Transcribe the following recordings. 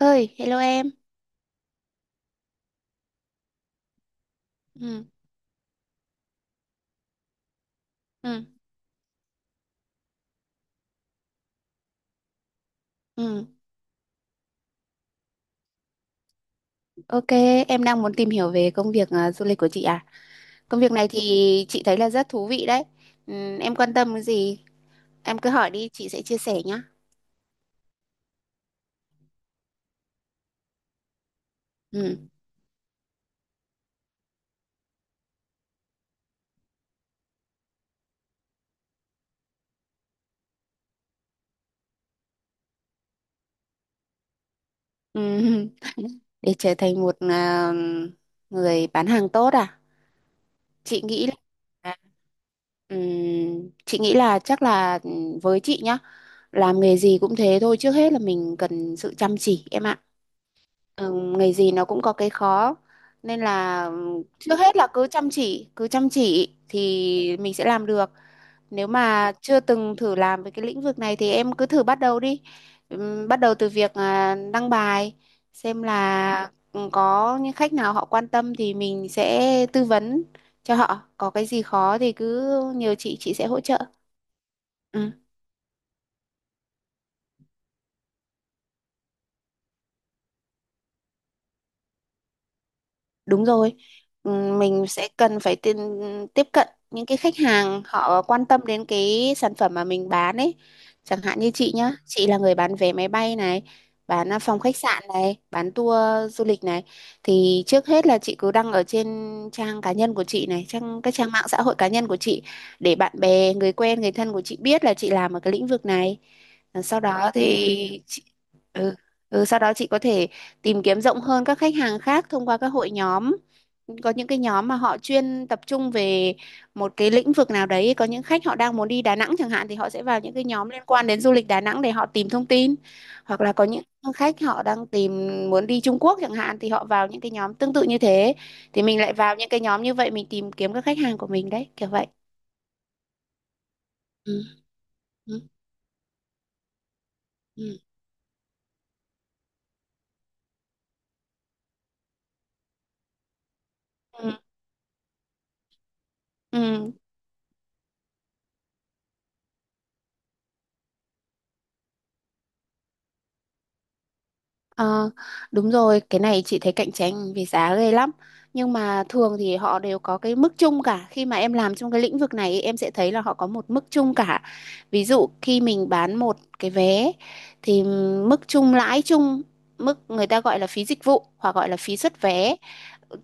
Ơi, hello em. Ừ. Ừ. Ừ. OK, em đang muốn tìm hiểu về công việc du lịch của chị à? Công việc này thì chị thấy là rất thú vị đấy. Ừ, em quan tâm cái gì? Em cứ hỏi đi, chị sẽ chia sẻ nhá. Ừ. Ừ. Để trở thành một người bán hàng tốt à? chị nghĩ là à, chị nghĩ là chắc là với chị nhá. Làm nghề gì cũng thế thôi, trước hết là mình cần sự chăm chỉ em ạ. Ừ, nghề gì nó cũng có cái khó, nên là trước hết là cứ chăm chỉ thì mình sẽ làm được. Nếu mà chưa từng thử làm về cái lĩnh vực này thì em cứ thử bắt đầu đi. Bắt đầu từ việc đăng bài, xem là có những khách nào họ quan tâm thì mình sẽ tư vấn cho họ. Có cái gì khó thì cứ nhờ chị sẽ hỗ trợ. Ừ. Đúng rồi. Mình sẽ cần phải tiếp cận những cái khách hàng họ quan tâm đến cái sản phẩm mà mình bán ấy. Chẳng hạn như chị nhá, chị là người bán vé máy bay này, bán phòng khách sạn này, bán tour du lịch này. Thì trước hết là chị cứ đăng ở trên trang cá nhân của chị này, các trang mạng xã hội cá nhân của chị, để bạn bè, người quen, người thân của chị biết là chị làm ở cái lĩnh vực này. Ờ, Sau đó thì chị, ừ, Sau đó chị có thể tìm kiếm rộng hơn các khách hàng khác thông qua các hội nhóm. Có những cái nhóm mà họ chuyên tập trung về một cái lĩnh vực nào đấy. Có những khách họ đang muốn đi Đà Nẵng chẳng hạn thì họ sẽ vào những cái nhóm liên quan đến du lịch Đà Nẵng để họ tìm thông tin. Hoặc là có những khách họ đang muốn đi Trung Quốc chẳng hạn thì họ vào những cái nhóm tương tự như thế. Thì mình lại vào những cái nhóm như vậy, mình tìm kiếm các khách hàng của mình đấy, kiểu vậy. Ừ. Ừ. Ừ. Ừ. Ừ. Ờ, Đúng rồi, cái này chị thấy cạnh tranh về giá ghê lắm. Nhưng mà thường thì họ đều có cái mức chung cả. Khi mà em làm trong cái lĩnh vực này ấy, em sẽ thấy là họ có một mức chung cả. Ví dụ khi mình bán một cái vé thì mức chung lãi chung, mức người ta gọi là phí dịch vụ hoặc gọi là phí xuất vé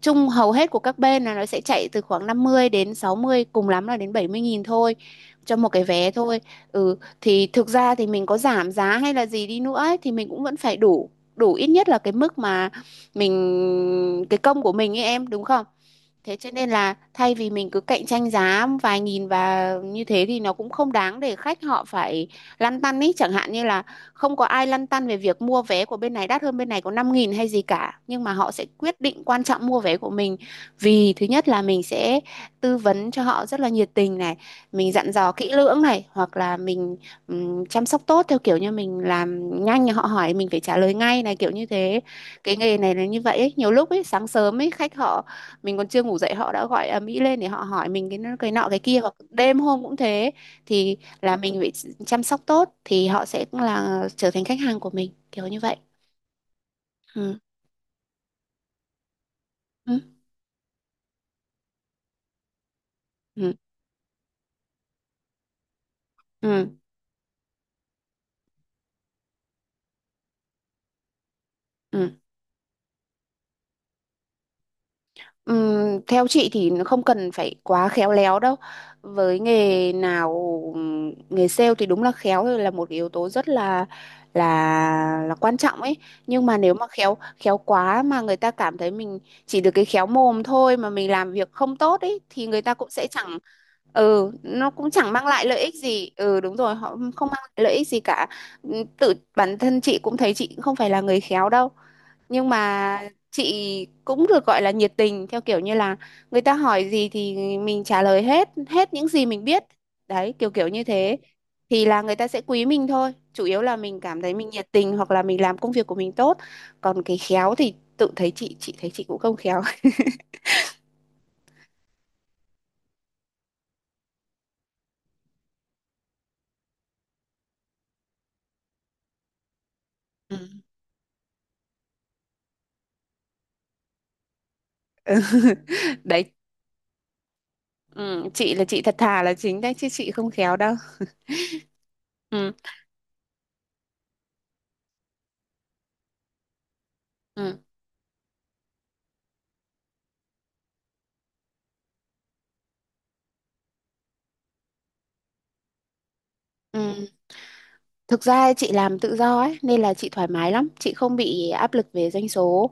chung hầu hết của các bên là nó sẽ chạy từ khoảng 50 đến 60, cùng lắm là đến 70.000 thôi, cho một cái vé thôi. Thì thực ra thì mình có giảm giá hay là gì đi nữa ấy, thì mình cũng vẫn phải đủ đủ ít nhất là cái mức mà mình, cái công của mình ấy, em đúng không? Thế cho nên là thay vì mình cứ cạnh tranh giá vài nghìn và như thế thì nó cũng không đáng để khách họ phải lăn tăn ý. Chẳng hạn như là không có ai lăn tăn về việc mua vé của bên này đắt hơn bên này có 5.000 hay gì cả. Nhưng mà họ sẽ quyết định quan trọng mua vé của mình. Vì thứ nhất là mình sẽ tư vấn cho họ rất là nhiệt tình này. Mình dặn dò kỹ lưỡng này. Hoặc là mình chăm sóc tốt theo kiểu như mình làm nhanh, họ hỏi mình phải trả lời ngay này, kiểu như thế. Cái nghề này là như vậy ấy. Nhiều lúc ấy, sáng sớm ấy khách họ, mình còn chưa ngủ dậy họ đã gọi ầm ĩ lên để họ hỏi mình cái nọ cái kia, hoặc đêm hôm cũng thế. Thì là mình phải chăm sóc tốt thì họ sẽ là trở thành khách hàng của mình, kiểu như vậy. Ừ. Ừ. Ừ. Ừ. Ừ. Theo chị thì nó không cần phải quá khéo léo đâu. Với nghề nào nghề sale thì đúng là khéo là một cái yếu tố rất là quan trọng ấy. Nhưng mà nếu mà khéo khéo quá mà người ta cảm thấy mình chỉ được cái khéo mồm thôi, mà mình làm việc không tốt ấy, thì người ta cũng sẽ chẳng nó cũng chẳng mang lại lợi ích gì. Ừ, đúng rồi, họ không mang lại lợi ích gì cả. Tự bản thân chị cũng thấy chị cũng không phải là người khéo đâu. Nhưng mà chị cũng được gọi là nhiệt tình theo kiểu như là người ta hỏi gì thì mình trả lời hết hết những gì mình biết, đấy, kiểu kiểu như thế thì là người ta sẽ quý mình thôi, chủ yếu là mình cảm thấy mình nhiệt tình hoặc là mình làm công việc của mình tốt. Còn cái khéo thì tự thấy, chị thấy chị cũng không khéo. Ừ. Đấy, ừ, chị là chị thật thà là chính đấy chứ chị không khéo đâu. Ừ. Ừ. Ừ. Thực ra chị làm tự do ấy, nên là chị thoải mái lắm, chị không bị áp lực về doanh số.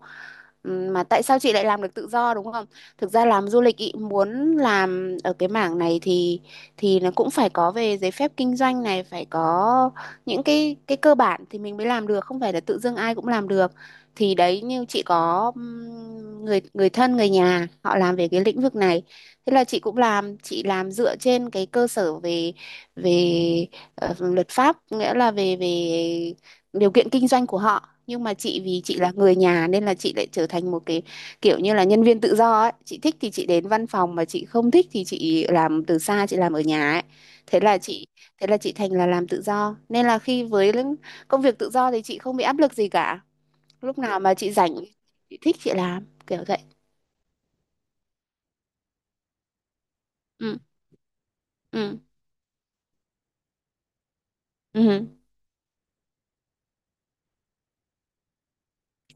Mà tại sao chị lại làm được tự do đúng không? Thực ra làm du lịch ý, muốn làm ở cái mảng này thì nó cũng phải có về giấy phép kinh doanh này, phải có những cái cơ bản thì mình mới làm được, không phải là tự dưng ai cũng làm được. Thì đấy như chị có người người thân người nhà họ làm về cái lĩnh vực này. Thế là chị cũng làm, chị làm dựa trên cái cơ sở về về ờ, luật pháp, nghĩa là về về điều kiện kinh doanh của họ, nhưng mà chị vì chị là người nhà nên là chị lại trở thành một cái, kiểu như là nhân viên tự do ấy, chị thích thì chị đến văn phòng mà chị không thích thì chị làm từ xa, chị làm ở nhà ấy. thế là chị Thế là chị thành là làm tự do, nên là khi công việc tự do thì chị không bị áp lực gì cả. Lúc nào mà chị rảnh, chị thích chị làm, kiểu vậy. Ừ. Ừ. Ừ. Ừ.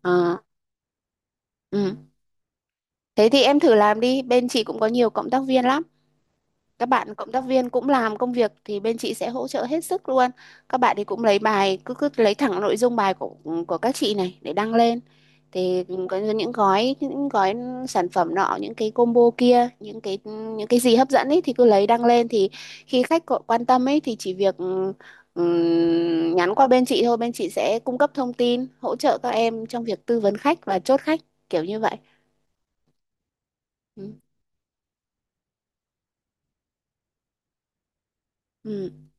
Ờ. Ừ. Thế thì em thử làm đi, bên chị cũng có nhiều cộng tác viên lắm. Các bạn cộng tác viên cũng làm công việc thì bên chị sẽ hỗ trợ hết sức luôn. Các bạn thì cũng lấy bài, cứ cứ lấy thẳng nội dung bài của các chị này để đăng lên. Thì có những gói sản phẩm nọ, những cái combo kia, những cái gì hấp dẫn ấy thì cứ lấy đăng lên. Thì khi khách có quan tâm ấy thì chỉ việc nhắn qua bên chị thôi, bên chị sẽ cung cấp thông tin hỗ trợ các em trong việc tư vấn khách và chốt khách, kiểu như vậy. Ừ. Ừ.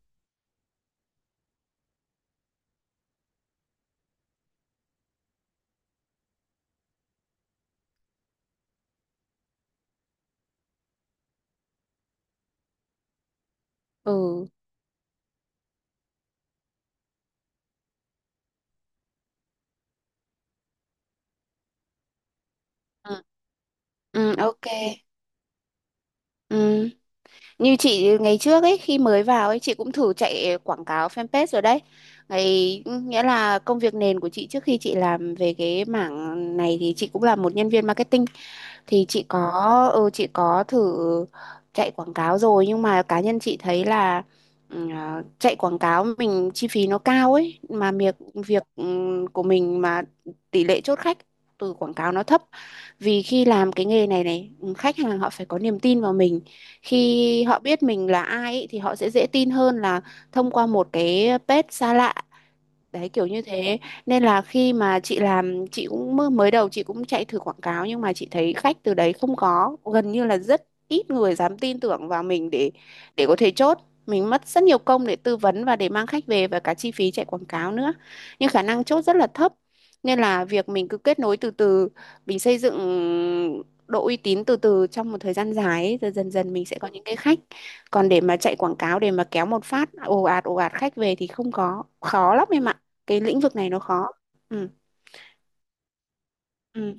Ừ. Ừ. Ừ, OK. Ừ. Như chị ngày trước ấy, khi mới vào ấy chị cũng thử chạy quảng cáo fanpage rồi đấy. Nghĩa là công việc nền của chị trước khi chị làm về cái mảng này thì chị cũng là một nhân viên marketing. Thì chị có thử chạy quảng cáo rồi, nhưng mà cá nhân chị thấy là, chạy quảng cáo mình chi phí nó cao ấy, mà việc việc ừ, của mình mà tỷ lệ chốt khách từ quảng cáo nó thấp. Vì khi làm cái nghề này này ừ, khách hàng họ phải có niềm tin vào mình. Khi họ biết mình là ai ấy, thì họ sẽ dễ tin hơn là thông qua một cái page xa lạ. Đấy kiểu như thế, nên là khi mà chị làm, chị cũng mới đầu chị cũng chạy thử quảng cáo, nhưng mà chị thấy khách từ đấy không có, gần như là rất ít người dám tin tưởng vào mình để có thể chốt. Mình mất rất nhiều công để tư vấn và để mang khách về, và cả chi phí chạy quảng cáo nữa, nhưng khả năng chốt rất là thấp. Nên là việc mình cứ kết nối từ từ, mình xây dựng độ uy tín từ từ trong một thời gian dài ấy, rồi dần dần mình sẽ có những cái khách. Còn để mà chạy quảng cáo để mà kéo một phát ồ ạt khách về thì không có khó lắm em ạ. Cái lĩnh vực này nó khó. Ừ. Ừ.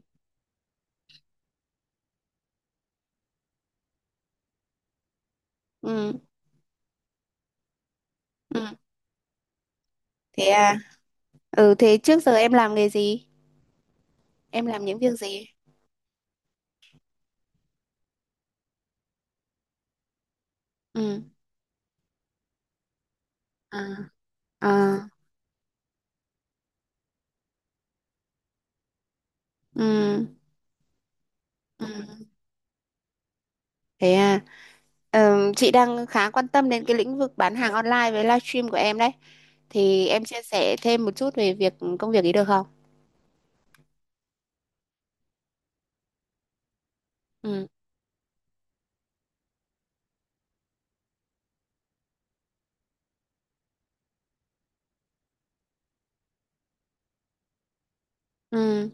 Ừ. Ừ. Thế à? Ừ, thế trước giờ em làm nghề gì? Em làm những việc gì? Ừ. À. À. Ừ. Ừ. Thế à? Chị đang khá quan tâm đến cái lĩnh vực bán hàng online với livestream của em đấy. Thì em chia sẻ thêm một chút về công việc ấy được không? Ừ. Ừ.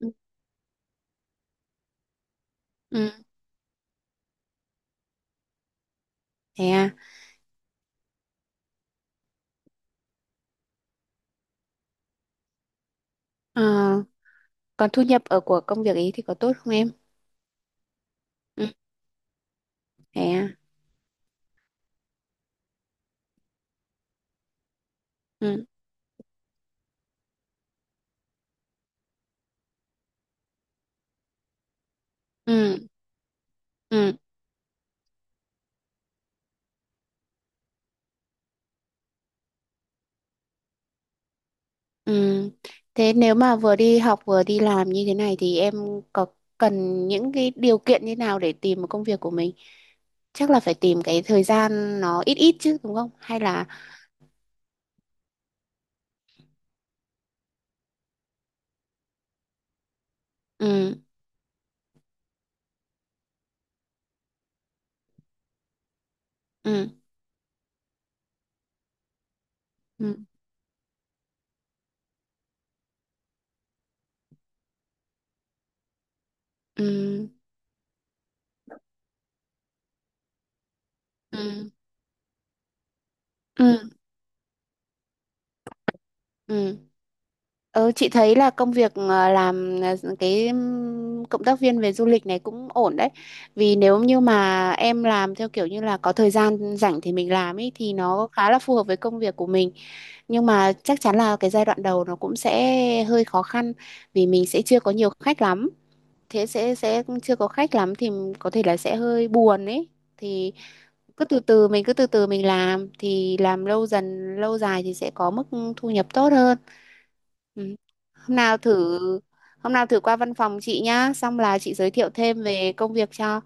Ừ. Ừ. Thế à? Ờ, Còn thu nhập của công việc ấy thì có tốt không em? Ừ. Thế à? Ừ. Ừ. Ừ. Ừ. Thế nếu mà vừa đi học vừa đi làm như thế này thì em có cần những cái điều kiện như nào để tìm một công việc của mình? Chắc là phải tìm cái thời gian nó ít ít chứ đúng không? Hay là... Ừ. Ừ. Ừ. Ừ. Ừ. Ừ. Ừ. Ừ, chị thấy là công việc làm cái cộng tác viên về du lịch này cũng ổn đấy. Vì nếu như mà em làm theo kiểu như là có thời gian rảnh thì mình làm ấy, thì nó khá là phù hợp với công việc của mình. Nhưng mà chắc chắn là cái giai đoạn đầu nó cũng sẽ hơi khó khăn, vì mình sẽ chưa có nhiều khách lắm. Thế sẽ chưa có khách lắm thì có thể là sẽ hơi buồn ấy. Thì cứ từ từ, mình cứ từ từ mình làm, thì làm lâu dần lâu dài thì sẽ có mức thu nhập tốt hơn. Ừ. Hôm nào thử Hôm nào thử qua văn phòng chị nhá, xong là chị giới thiệu thêm về công việc cho.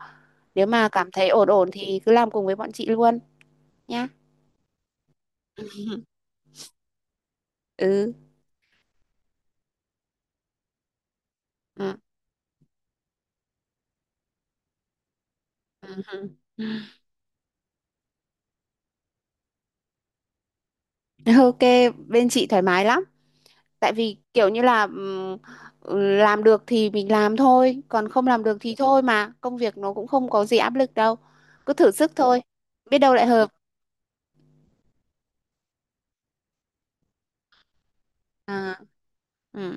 Nếu mà cảm thấy ổn ổn thì cứ làm cùng với bọn chị luôn nhá. Ừ. Ừ. Ừ. OK, bên chị thoải mái lắm. Tại vì kiểu như là, làm được thì mình làm thôi, còn không làm được thì thôi mà. Công việc nó cũng không có gì áp lực đâu. Cứ thử sức thôi, biết đâu lại hợp. À. Ừ.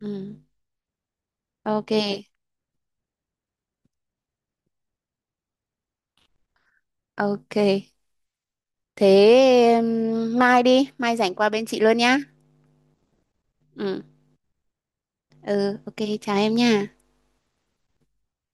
Ừ. OK, OK. Thế mai rảnh qua bên chị luôn nhá. Ừ. Ừ. OK, chào em nha.